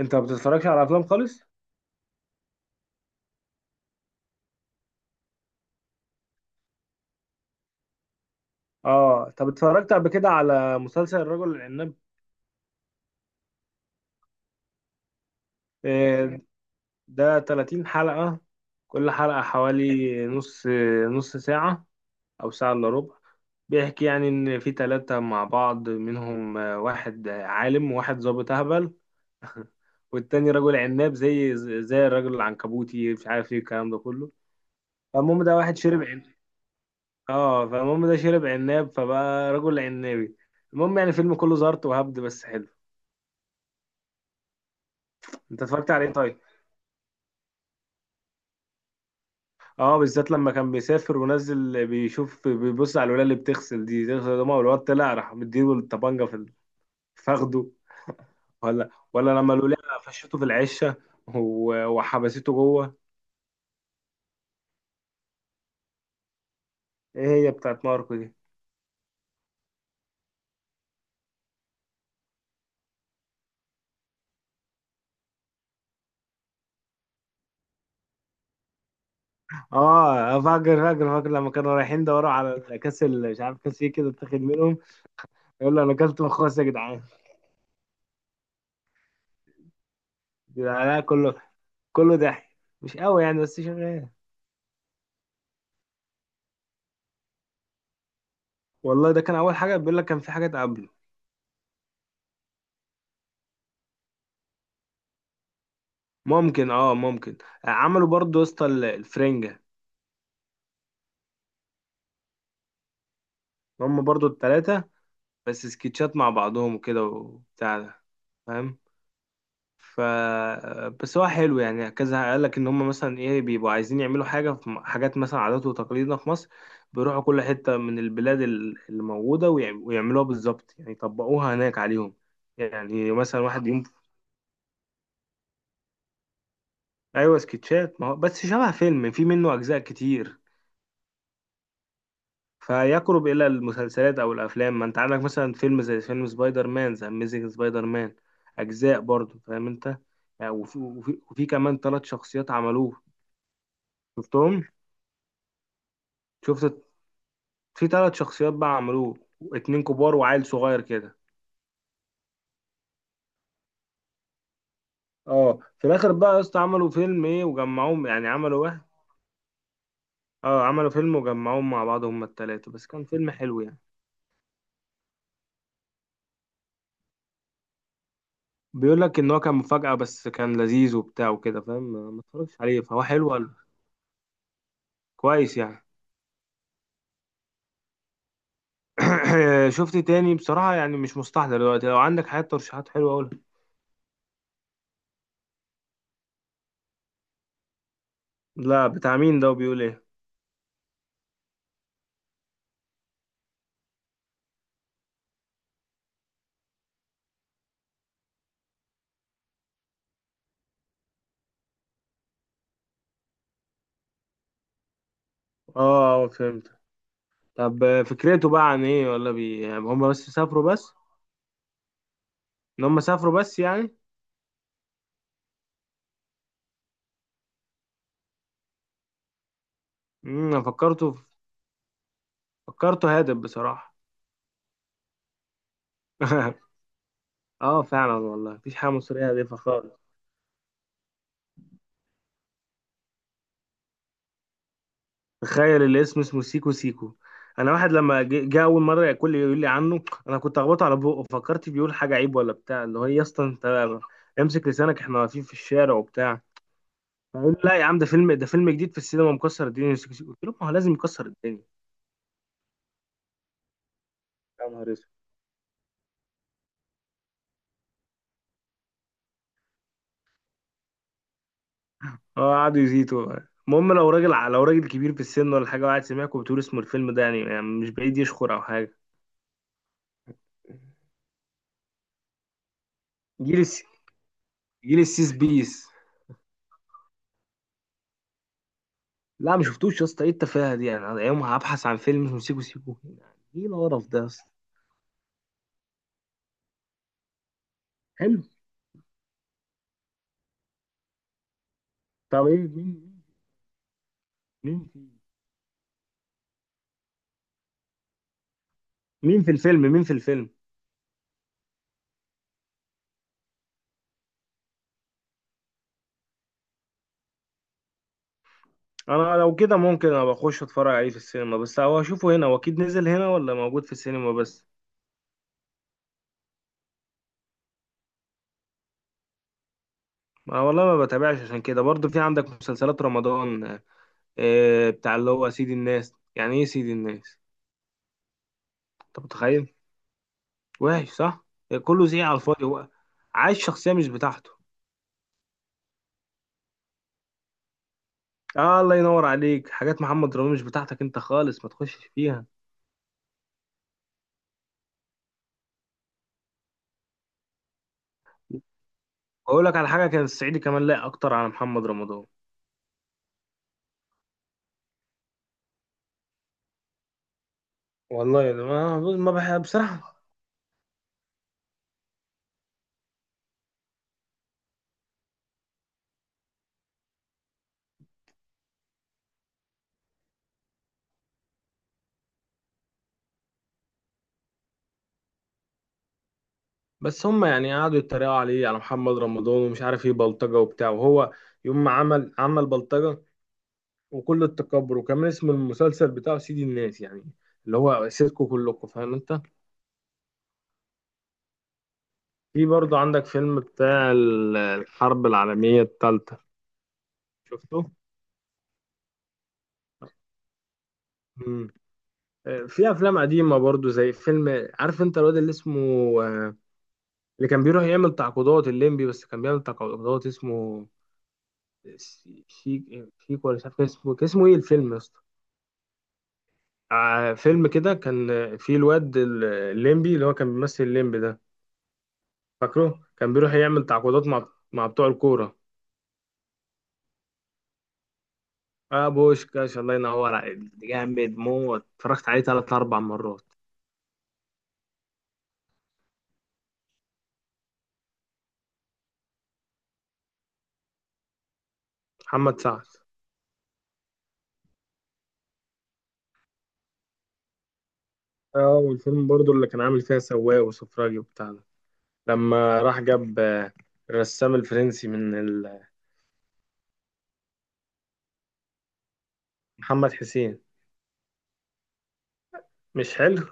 انت ما بتتفرجش على افلام خالص. اه طب اتفرجت قبل كده على مسلسل الرجل العناب. آه، ده 30 حلقة. كل حلقة حوالي نص ساعة او ساعة الا ربع. بيحكي يعني ان في ثلاثة مع بعض منهم، واحد عالم وواحد ظابط اهبل، والتاني رجل عناب زي الرجل العنكبوتي، مش عارف ايه الكلام ده كله. فالمهم ده واحد شرب عن... اه فالمهم ده شرب عناب فبقى رجل عنابي. المهم يعني فيلم كله زارت وهبد بس حلو. انت اتفرجت عليه طيب. اه بالذات لما كان بيسافر ونزل بيشوف بيبص على الولاية اللي بتغسل دي تغسل دماغه، والواد طلع راح مديله الطبنجة فخده. ولا لما الولاية فشته في العشة وحبسته جوه. ايه هي بتاعت ماركو دي. اه فاكر فاكر فاكر لما كانوا رايحين دوروا على كاس مش عارف كاس ايه كده اتاخد منهم، يقول له انا اكلت مخاص يا جدعان. جدعان أنا كله، كله ضحك مش قوي يعني بس شغال. والله ده كان اول حاجه، بيقول لك كان في حاجات قبله. ممكن اه ممكن. عملوا برضه يا اسطى الفرنجة، هم برضو التلاتة، بس سكتشات مع بعضهم وكده وبتاع ده، فاهم. ف بس هو حلو يعني، كذا قال لك ان هم مثلا ايه بيبقوا عايزين يعملوا حاجه حاجات مثلا عادات وتقاليدنا في مصر، بيروحوا كل حته من البلاد اللي موجوده ويعملوها بالظبط، يعني يطبقوها هناك عليهم، يعني مثلا واحد يوم. ايوه سكتشات، ما هو بس شبه فيلم، في منه اجزاء كتير، فيقرب الى المسلسلات او الافلام، ما انت عندك مثلا فيلم زي فيلم سبايدر مان، ذا اميزنج سبايدر مان، اجزاء برضو فاهم انت. يعني وفي كمان ثلاث شخصيات عملوه، شفتهم؟ شفت. في ثلاث شخصيات بقى عملوه، اتنين كبار وعيل صغير كده. اه في الاخر بقى يا اسطى عملوا فيلم ايه وجمعوهم، يعني عملوا واحد. اه عملوا فيلم وجمعوهم مع بعض هما التلاتة، بس كان فيلم حلو يعني. بيقول لك ان هو كان مفاجأة، بس كان لذيذ وبتاع وكده فاهم. ما اتفرجش عليه فهو حلو كويس يعني. شفت تاني بصراحة يعني مش مستحضر دلوقتي، لو عندك حاجات ترشيحات حلوة قولها. لا بتاع مين ده وبيقول ايه. اه فهمت. طب فكرته بقى عن ايه ولا بي، يعني هم بس سافروا بس؟ ان هم سافروا بس يعني. أنا فكرته، فكرته هادف بصراحة. اه فعلا والله مفيش حاجة مصرية هادفة خالص. تخيل الاسم اسمه سيكو سيكو. انا واحد لما جه اول مرة ياكل لي يقول لي عنه، انا كنت اخبطه على بقه، فكرت بيقول حاجة عيب ولا بتاع، اللي هو إيه يا اسطى انت، امسك لسانك احنا واقفين في الشارع وبتاع. فقال لا يا عم، ده فيلم، ده فيلم جديد في السينما مكسر الدنيا. قلت له ما هو لازم يكسر الدنيا. يا نهار اسود. اه قعدوا يزيتوا بقى. المهم لو راجل كبير في السن ولا حاجه وقعد سمعك وبتقول اسمه الفيلم ده، يعني مش بعيد يشكر او حاجه. جيل الس... جيل السيس بيس. لا ما شفتوش يا اسطى ايه التفاهه دي، يعني أنا يوم هبحث عن فيلم اسمه سيكو سيكو، يعني ايه القرف ده يا اسطى. حلو. طب ايه مين مين في مين في الفيلم؟ انا لو كده ممكن ابقى اخش اتفرج عليه في السينما، بس هو اشوفه هنا، هو اكيد نزل هنا ولا موجود في السينما بس؟ ما والله ما بتابعش عشان كده. برضه في عندك مسلسلات رمضان. بتاع اللي هو سيد الناس، يعني ايه سيد الناس؟ انت متخيل، وحش صح، كله زي على الفاضي، هو عايش شخصية مش بتاعته. آه الله ينور عليك، حاجات محمد رمضان مش بتاعتك انت خالص، ما تخشش فيها. اقول لك على حاجة، كان الصعيدي كمان لايق اكتر على محمد رمضان. والله ده ما بحب بصراحة. بس هم يعني قعدوا يتريقوا عليه على محمد رمضان، ومش عارف ايه بلطجة وبتاع، وهو يوم ما عمل بلطجة، وكل التكبر، وكمان اسم المسلسل بتاعه سيدي الناس، يعني اللي هو سيركو كلكم، فاهم انت. في برضه عندك فيلم بتاع الحرب العالمية الثالثة، شفته؟ مم. في افلام قديمة برضه، زي فيلم، عارف انت الواد اللي اسمه آه، اللي كان بيروح يعمل تعقيدات الليمبي، بس كان بيعمل تعقيدات، اسمه شيك شيك ولا مش عارف، كان اسمه ايه الفيلم يا اسطى؟ فيلم كده كان، فيه الواد الليمبي، اللي هو كان بيمثل الليمبي ده، فاكره كان بيروح يعمل تعاقدات مع بتوع الكورة. اه بوشكاش الله ينور عليك، جامد موت، اتفرجت عليه ثلاث اربع مرات. محمد سعد. اه والفيلم برضو اللي كان عامل فيها سواق وسفراجي وبتاع ده، لما راح جاب الرسام الفرنسي من محمد حسين، مش حلو.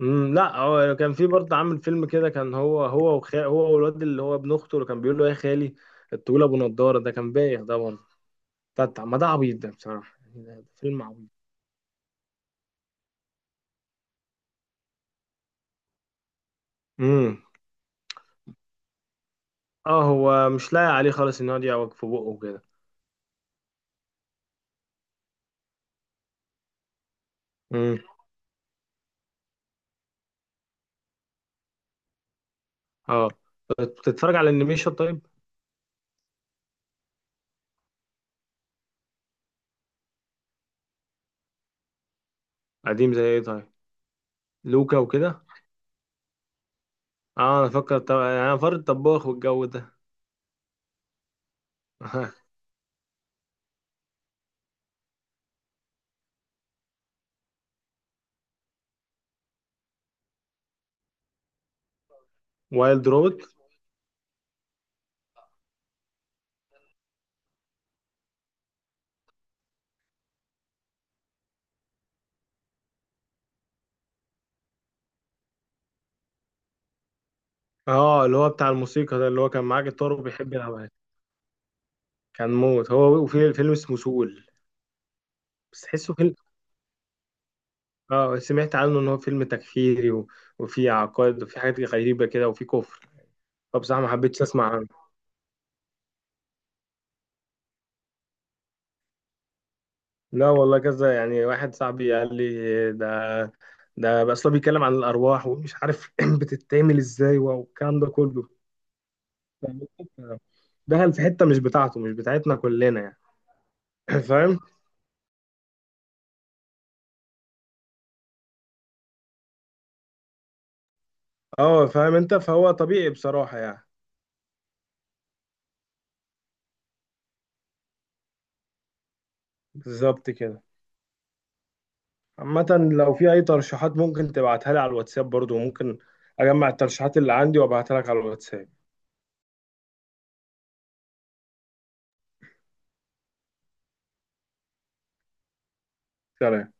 مم لا هو كان في برضه عامل فيلم كده، كان هو والواد اللي هو ابن اخته اللي كان بيقول له يا خالي، الطويل ابو نضاره ده كان بايخ ده برضه. ما ده عبيط ده بصراحه، يعني ده فيلم عبيط. امم. اه هو مش لاقي عليه خالص ان هو يقعد يعوج في بقه وكده. اه بتتفرج على الانيميشن طيب؟ قديم زي ايه طيب، لوكا وكده؟ اه انا فاكر، انا فار الطباخ والجو ده. وايلد روبوت. اه اللي هو بتاع الموسيقى ده، اللي هو كان معاه جيتار وبيحب يلعبها، كان موت. هو وفي فيلم اسمه سول. بس تحسه فيلم. اه سمعت عنه ان هو فيلم تكفيري وفيه عقائد وفيه حاجات غريبة كده وفيه كفر، فبصراحة ما حبيتش اسمع عنه. لا والله كذا يعني، واحد صاحبي قال لي ده بس هو بيتكلم عن الارواح، ومش عارف بتتعمل ازاي والكلام ده كله، فاهم أنت؟ دخل في حتة مش بتاعته، مش بتاعتنا كلنا يعني. فاهم. اه فاهم انت، فهو طبيعي بصراحة يعني. بالظبط كده. عامة، لو في أي ترشيحات ممكن تبعتها لي على الواتساب، برضو ممكن أجمع الترشيحات اللي عندي وأبعتها لك على الواتساب. سلام.